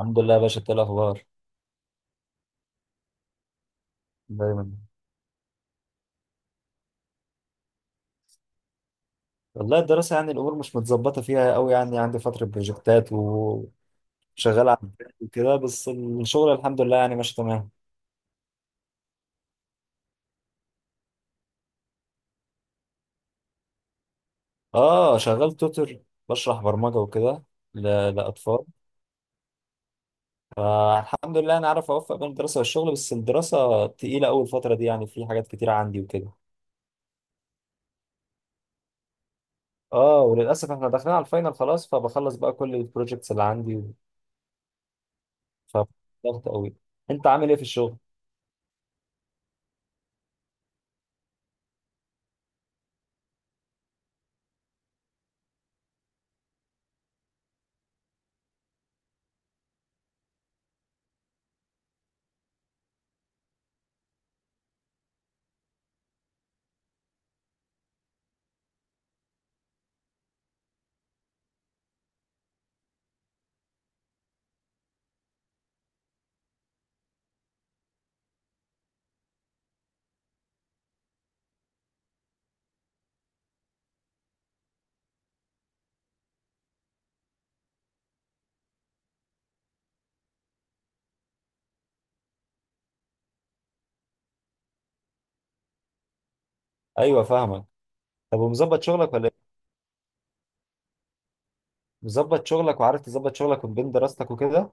الحمد لله يا باشا، إنت إيه الاخبار؟ دايما. والله الدراسه يعني الامور مش متظبطه فيها قوي، يعني عندي فتره بروجكتات وشغال على البيت وكده. بس الشغل الحمد لله يعني ماشي تمام. اه شغال توتر، بشرح برمجه وكده لاطفال. فالحمد لله انا عارف اوفق بين الدراسه والشغل، بس الدراسه تقيله اول فتره دي، يعني في حاجات كتيره عندي وكده. اه وللاسف احنا داخلين على الفاينل خلاص، فبخلص بقى كل البروجكتس اللي عندي، فضغط قوي. انت عامل ايه في الشغل؟ ايوه فاهمك. طب ومظبط شغلك ولا؟ مظبط شغلك وعارف تظبط شغلك من بين دراستك وكده؟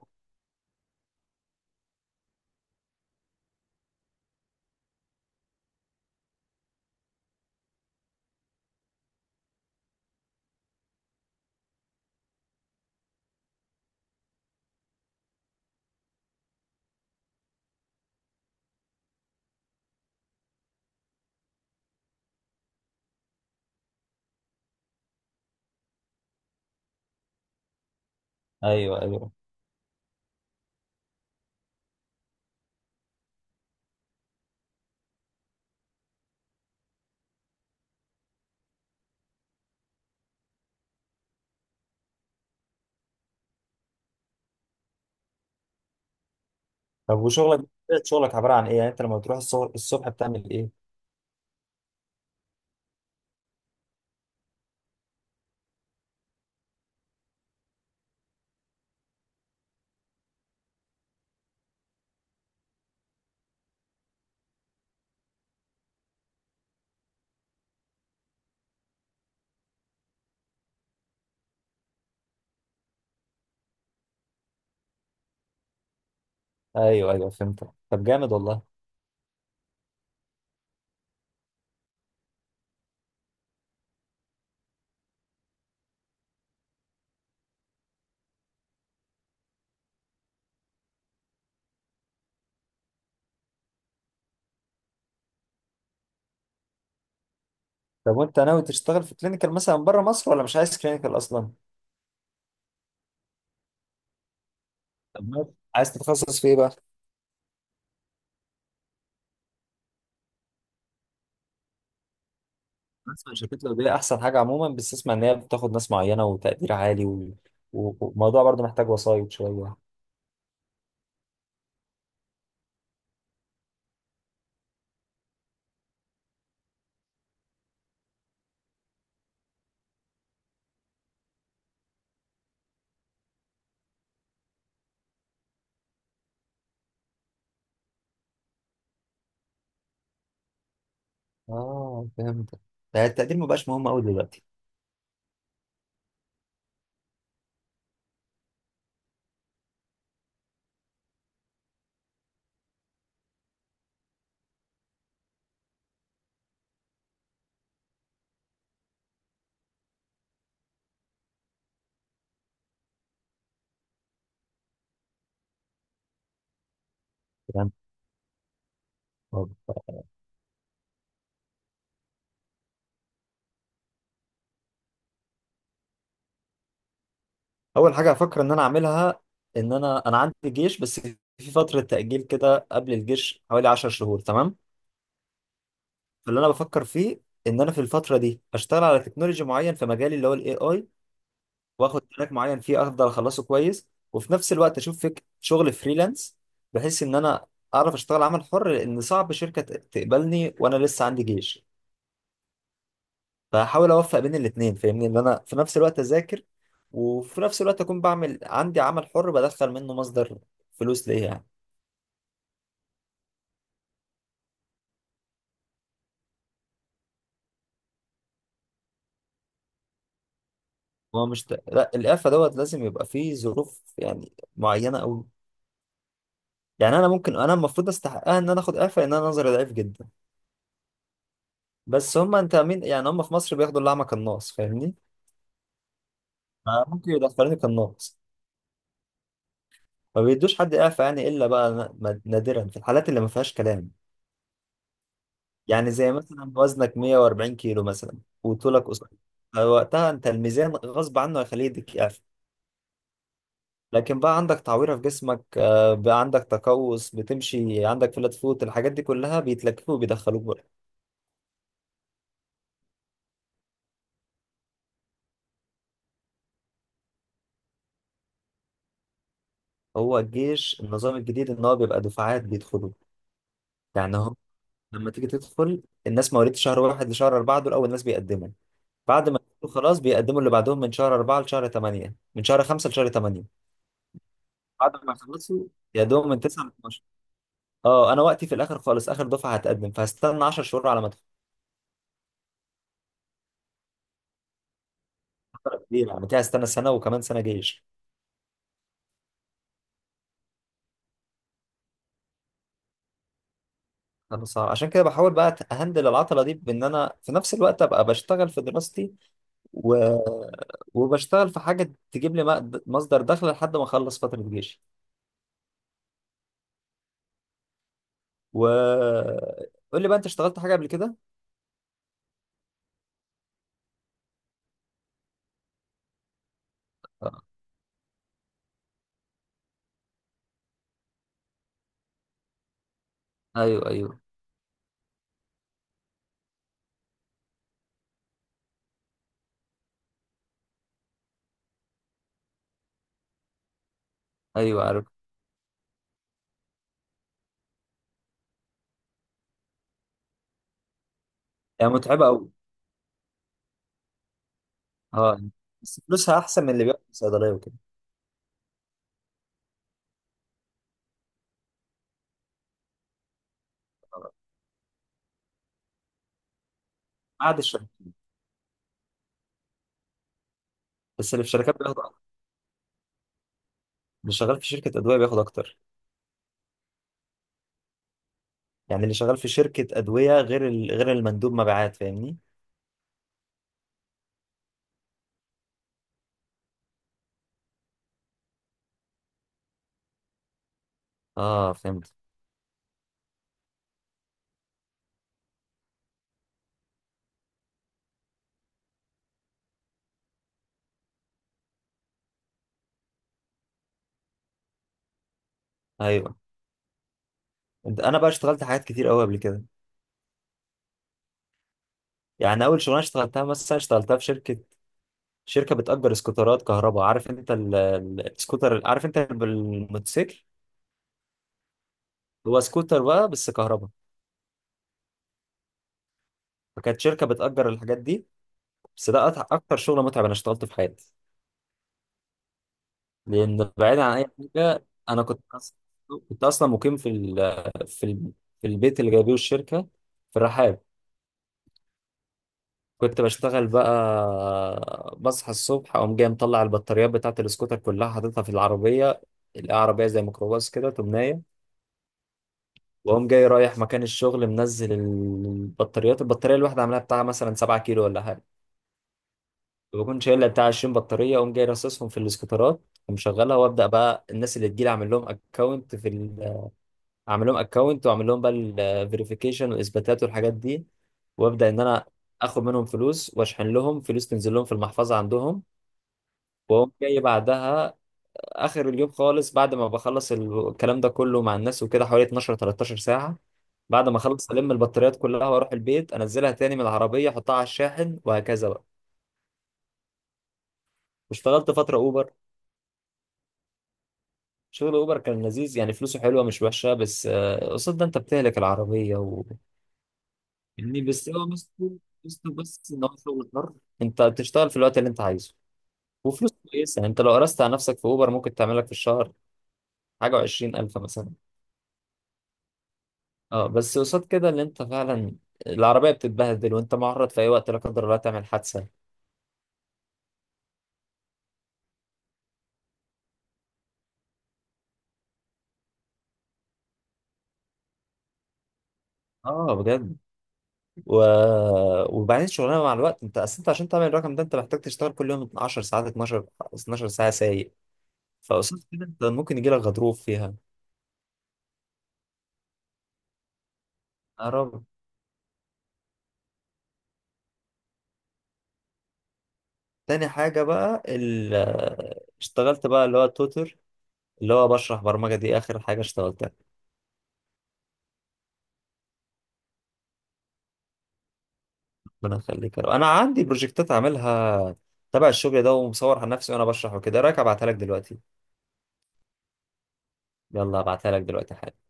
ايوه ايوه. طب وشغلك، طبيعة شغلك عبارة عن ايه؟ يعني انت لما بتروح الصبح، بتعمل ايه؟ ايوه ايوه فهمتك. طب جامد والله. طب وانت ناوي تشتغل في كلينيكال مثلا بره مصر، ولا مش عايز كلينيكال اصلا؟ طب عايز تتخصص في ايه بقى؟ اسمع، شركات الادويه احسن حاجه عموما، بس اسمع ان هي بتاخد ناس معينه وتقدير عالي و... وموضوع برضه محتاج وسايط شويه. اه فهمت. يعني التقدير ما بقاش مهم قوي دلوقتي. فهمت. اول حاجه هفكر ان انا اعملها، ان انا عندي جيش، بس في فتره تاجيل كده قبل الجيش حوالي 10 شهور تمام. فاللي انا بفكر فيه ان انا في الفتره دي اشتغل على تكنولوجي معين في مجالي اللي هو الاي اي. واخد تراك معين فيه، افضل اخلصه كويس، وفي نفس الوقت اشوف فيك شغل فريلانس، بحيث ان انا اعرف اشتغل عمل حر، لان صعب شركه تقبلني وانا لسه عندي جيش. فهحاول اوفق بين الاثنين فاهمني، ان انا في نفس الوقت اذاكر، وفي نفس الوقت اكون بعمل عندي عمل حر بدخل منه مصدر فلوس ليا يعني. هو مش ت... لا الإعفاء دوت لازم يبقى فيه ظروف يعني معينة أوي. يعني أنا ممكن، أنا المفروض أستحقها إن أنا آخد إعفاء لأن أنا نظري ضعيف جدا. بس هما أنت مين؟ يعني هما في مصر بياخدوا الأعمى كالناص، فاهمني؟ فممكن يدخلوني كالناص، ما بيدوش حد إعفاء يعني، إلا بقى نادرا في الحالات اللي ما فيهاش كلام. يعني زي مثلا وزنك 140 كيلو مثلا وطولك قصير، فوقتها أنت الميزان غصب عنه هيخليه يديك إعفاء. لكن بقى عندك تعويرة في جسمك، بقى عندك تقوس، بتمشي عندك فلات فوت، الحاجات دي كلها بيتلكفوا وبيدخلوك بقى. هو الجيش النظام الجديد ان هو بيبقى دفعات بيدخلوا. يعني هو لما تيجي تدخل، الناس مواليد شهر واحد لشهر أربعة دول أول ناس بيقدموا. بعد ما يدخلوا خلاص بيقدموا اللي بعدهم، من شهر أربعة لشهر تمانية، من شهر خمسة لشهر تمانية، بعد ما يخلصوا يا دوب من تسعة ل 12. اه انا وقتي في الاخر خالص، اخر دفعه هتقدم، فهستنى 10 شهور على ما ادخل. فترة كبيرة، يعني كده هستنى سنه وكمان سنه جيش. انا صعب عشان كده، بحاول بقى اهندل العطله دي، بان انا في نفس الوقت ابقى بشتغل في دراستي، و... وبشتغل في حاجه تجيب لي مصدر دخل لحد ما اخلص فتره جيشي. و قول لي بقى، انت اشتغلت حاجه قبل كده؟ آه. ايوه ايوه. ايوه عارف. هي متعبه قوي. اه بس فلوسها احسن من اللي بياخد في الصيدليه وكده. بعد الشركه. بس اللي في الشركات بياخد اكتر. اللي شغال في شركه ادويه بياخد اكتر. يعني اللي شغال في شركه ادويه غير غير المندوب مبيعات، فاهمني. اه فهمت. ايوه. انا بقى اشتغلت حاجات كتير قوي قبل كده. يعني اول شغلانه اشتغلتها مثلا، اشتغلتها في شركه بتأجر سكوترات كهرباء. عارف انت السكوتر؟ عارف انت بالموتوسيكل، هو سكوتر بقى بس كهرباء. فكانت شركه بتأجر الحاجات دي. بس ده اكتر شغل متعب انا اشتغلته في حياتي. لان بعيد عن اي حاجه، انا كنت كنت اصلا مقيم في ال في البيت اللي جايبيه الشركه في الرحاب. كنت بشتغل بقى، بصحى الصبح اقوم جاي مطلع البطاريات بتاعت السكوتر كلها، حاططها في العربيه. العربيه زي ميكروباص كده تمنايه. واقوم جاي رايح مكان الشغل، منزل البطاريات، البطاريه الواحده عاملاها بتاع مثلا 7 كيلو ولا حاجه. بكون شايل لها بتاع 20 بطاريه، اقوم جاي راصصهم في الاسكوترات ومشغلها. وابدا بقى الناس اللي تجيلي اعمل لهم اكونت اعمل لهم اكونت، واعمل لهم بقى الفيريفيكيشن والاثباتات والحاجات دي. وابدا ان انا اخد منهم فلوس واشحن لهم فلوس تنزل لهم في المحفظه عندهم. واقوم جاي بعدها اخر اليوم خالص، بعد ما بخلص الكلام ده كله مع الناس وكده، حوالي 12 13 ساعه. بعد ما اخلص البطاريات كلها، واروح البيت انزلها تاني من العربيه، احطها على الشاحن وهكذا بقى. واشتغلت فتره اوبر. شغل اوبر كان لذيذ يعني، فلوسه حلوه مش وحشه، بس قصاد ده انت بتهلك العربيه يعني. بس هو مستو بس ان هو شغل حر، انت بتشتغل في الوقت اللي انت عايزه. وفلوس كويسه، يعني انت لو قرست على نفسك في اوبر ممكن تعمل لك في الشهر حاجه و20000 مثلا. اه بس قصاد كده اللي انت فعلا العربية بتتبهدل، وانت معرض في اي وقت لا قدر الله تعمل حادثة. اه بجد. و... وبعدين شغلانة مع الوقت، انت اصل انت عشان تعمل الرقم ده انت محتاج تشتغل كل يوم 10 ساعات، 12 ساعة سايق. فقصاد كده انت ممكن يجيلك غضروف فيها. يا رب. تاني حاجة بقى اشتغلت بقى اللي هو توتر، اللي هو بشرح برمجة. دي آخر حاجة اشتغلتها. ربنا يخليك يا رب. أنا عندي بروجكتات عاملها تبع الشغل ده ومصور على نفسي وأنا بشرح وكده، إيه رأيك أبعتها لك دلوقتي؟ يلا ابعتها لك دلوقتي حالا.